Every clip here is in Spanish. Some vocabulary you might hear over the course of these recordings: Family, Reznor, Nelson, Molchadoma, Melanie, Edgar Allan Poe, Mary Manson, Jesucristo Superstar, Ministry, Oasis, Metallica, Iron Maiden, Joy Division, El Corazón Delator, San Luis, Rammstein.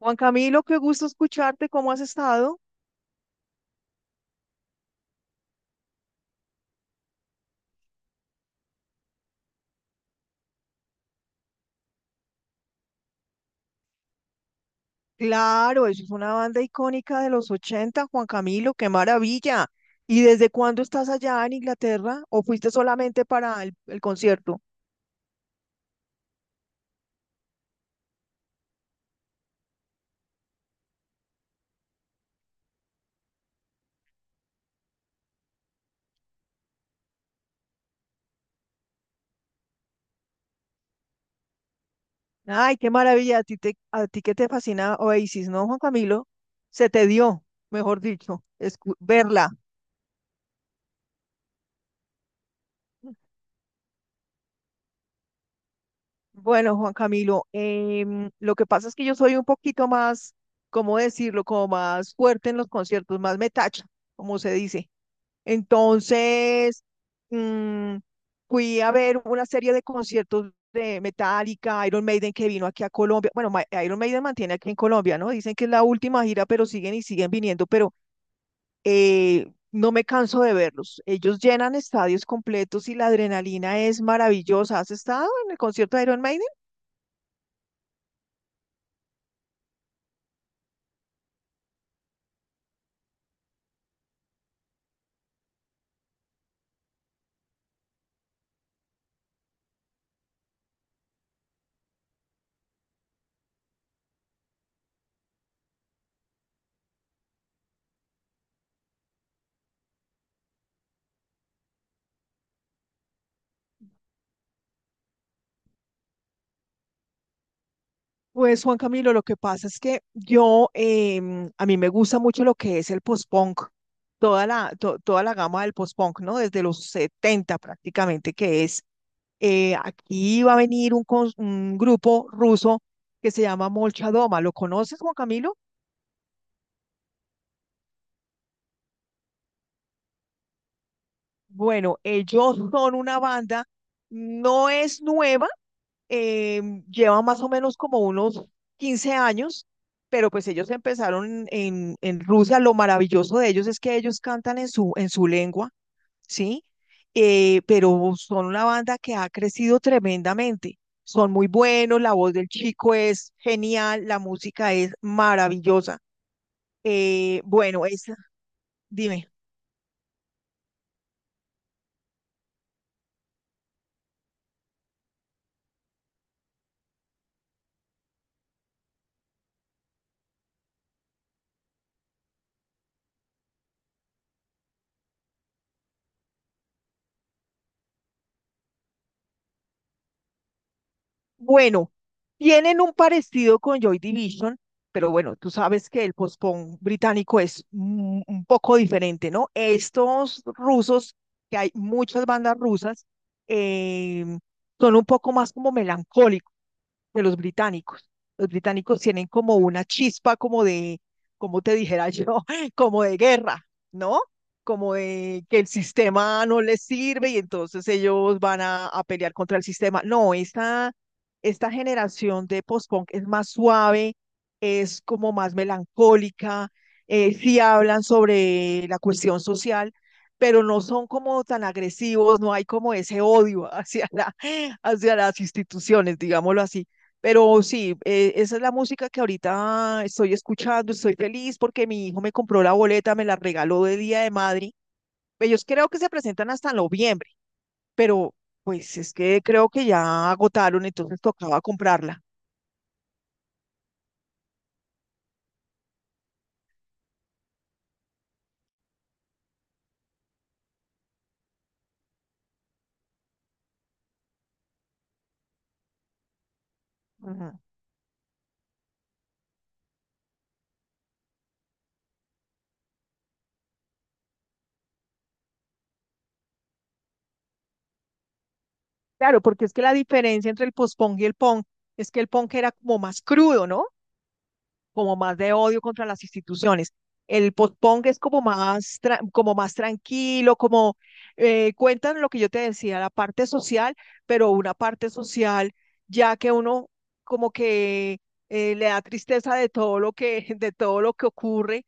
Juan Camilo, qué gusto escucharte, ¿cómo has estado? Claro, eso es una banda icónica de los 80. Juan Camilo, qué maravilla. ¿Y desde cuándo estás allá en Inglaterra o fuiste solamente para el concierto? Ay, qué maravilla, a ti, te, a ti que te fascina Oasis, ¿no, Juan Camilo? Se te dio, mejor dicho, verla. Bueno, Juan Camilo, lo que pasa es que yo soy un poquito más, ¿cómo decirlo? Como más fuerte en los conciertos, más metacha, como se dice. Entonces, mm, fui a ver una serie de conciertos de Metallica, Iron Maiden que vino aquí a Colombia. Bueno, Iron Maiden mantiene aquí en Colombia, ¿no? Dicen que es la última gira, pero siguen y siguen viniendo, pero no me canso de verlos. Ellos llenan estadios completos y la adrenalina es maravillosa. ¿Has estado en el concierto de Iron Maiden? Pues Juan Camilo, lo que pasa es que yo, a mí me gusta mucho lo que es el post-punk, toda la gama del post-punk, ¿no? Desde los 70 prácticamente, que es, aquí va a venir un grupo ruso que se llama Molchadoma. ¿Lo conoces, Juan Camilo? Bueno, ellos son una banda, no es nueva, eh, lleva más o menos como unos 15 años, pero pues ellos empezaron en Rusia. Lo maravilloso de ellos es que ellos cantan en su lengua, ¿sí? Pero son una banda que ha crecido tremendamente. Son muy buenos, la voz del chico es genial, la música es maravillosa. Bueno, esa, dime. Bueno, tienen un parecido con Joy Division, pero bueno, tú sabes que el post-punk británico es un poco diferente, ¿no? Estos rusos, que hay muchas bandas rusas, eh, son un poco más como melancólicos de los británicos. Los británicos tienen como una chispa como de, como te dijera yo, como de guerra, ¿no? Como de que el sistema no les sirve y entonces ellos van a pelear contra el sistema. No, esta generación de post-punk es más suave, es como más melancólica, sí hablan sobre la cuestión social, pero no son como tan agresivos, no hay como ese odio hacia hacia las instituciones, digámoslo así. Pero sí, esa es la música que ahorita estoy escuchando, estoy feliz porque mi hijo me compró la boleta, me la regaló de Día de Madrid. Ellos creo que se presentan hasta noviembre, pero pues es que creo que ya agotaron, entonces tocaba comprarla. Ujú. Claro, porque es que la diferencia entre el post-punk y el punk es que el punk era como más crudo, ¿no? Como más de odio contra las instituciones. El post-punk es como más, como más tranquilo, como cuentan lo que yo te decía, la parte social, pero una parte social ya que uno como que le da tristeza de todo lo que, de todo lo que ocurre.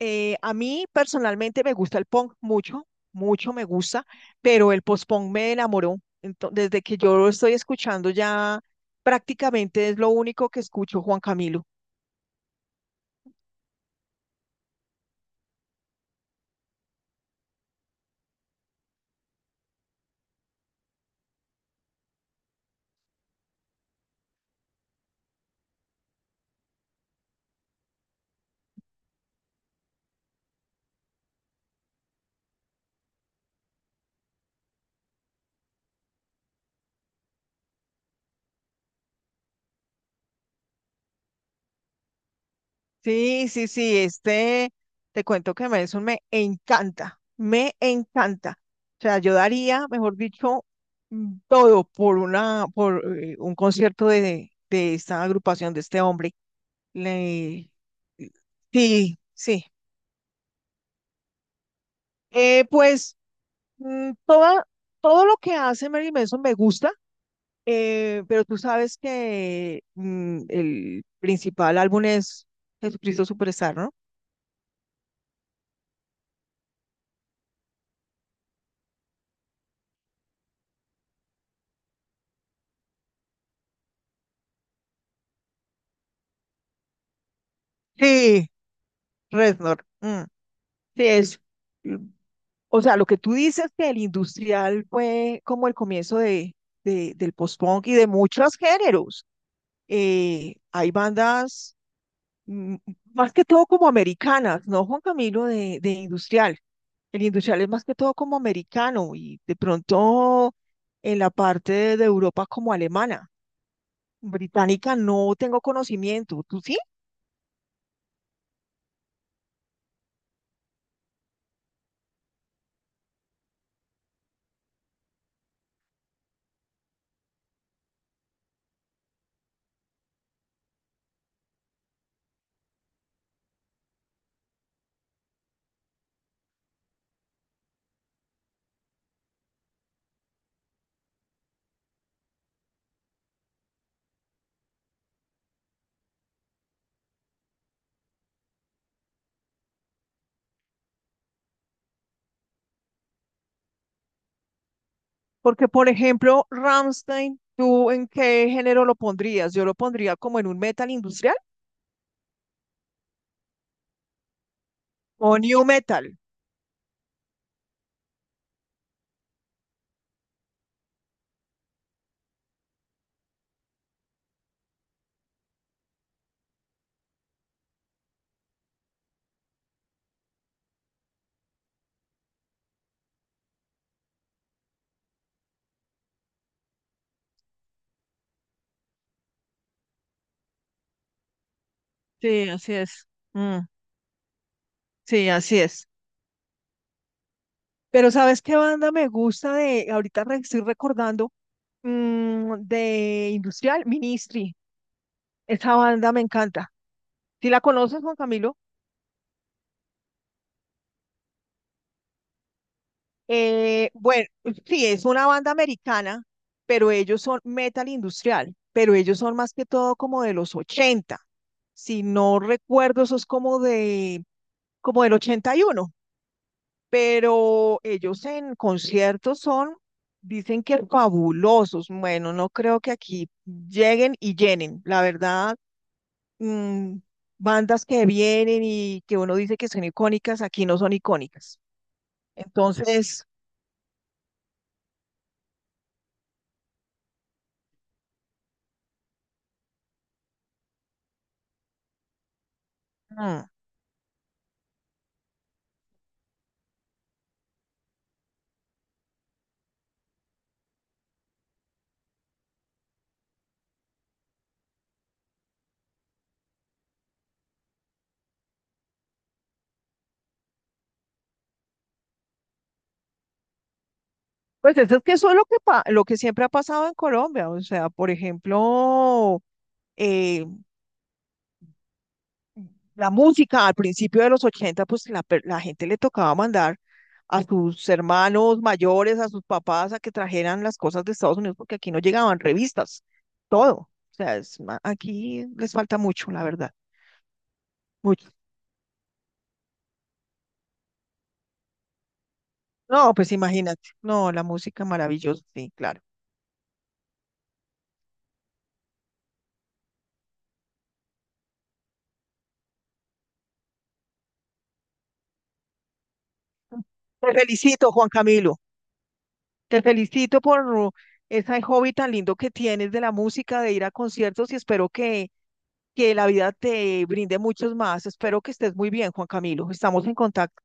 A mí personalmente me gusta el punk mucho, mucho me gusta, pero el post-punk me enamoró. Entonces, desde que yo lo estoy escuchando ya prácticamente es lo único que escucho, Juan Camilo. Sí, sí, sí, este, te cuento que Nelson me encanta, me encanta. O sea, yo daría, mejor dicho, todo por una, por un concierto de esta agrupación, de este hombre. Le- Sí, sí. Pues. Mm, toda- todo lo que hace Mary Manson me gusta, pero tú sabes que el principal álbum es Jesucristo Superstar, ¿no? Sí, Reznor. Mm, sí, es. Mm, o sea, lo que tú dices que el industrial fue como el comienzo de, del post-punk y de muchos géneros. Hay bandas mm, más que todo como americanas, ¿no, Juan Camilo, de industrial? El industrial es más que todo como americano y de pronto en la parte de Europa como alemana. Británica no tengo conocimiento, ¿tú sí? Porque, por ejemplo, Rammstein, ¿tú en qué género lo pondrías? Yo lo pondría como en un metal industrial o new metal. Sí, así es. Mm, sí, así es. Pero ¿sabes qué banda me gusta de, ahorita estoy recordando, mm, de industrial? Ministry. Esa banda me encanta. ¿Sí la conoces, Juan Camilo? Bueno, sí, es una banda americana, pero ellos son metal industrial, pero ellos son más que todo como de los 80. Si no recuerdo, eso es como de, como del 81. Pero ellos en conciertos son, dicen que fabulosos. Bueno, no creo que aquí lleguen y llenen, la verdad. Mm, bandas que vienen y que uno dice que son icónicas, aquí no son icónicas. Entonces, mm, pues eso es que eso es lo que, lo que siempre ha pasado en Colombia. O sea, por ejemplo, eh, la música al principio de los 80, pues la gente le tocaba mandar a sus hermanos mayores, a sus papás, a que trajeran las cosas de Estados Unidos, porque aquí no llegaban revistas, todo. O sea, es aquí les falta mucho, la verdad, mucho. No, pues imagínate. No, la música maravillosa, sí, claro. Te felicito, Juan Camilo. Te felicito por ese hobby tan lindo que tienes de la música, de ir a conciertos y espero que la vida te brinde muchos más. Espero que estés muy bien, Juan Camilo. Estamos en contacto.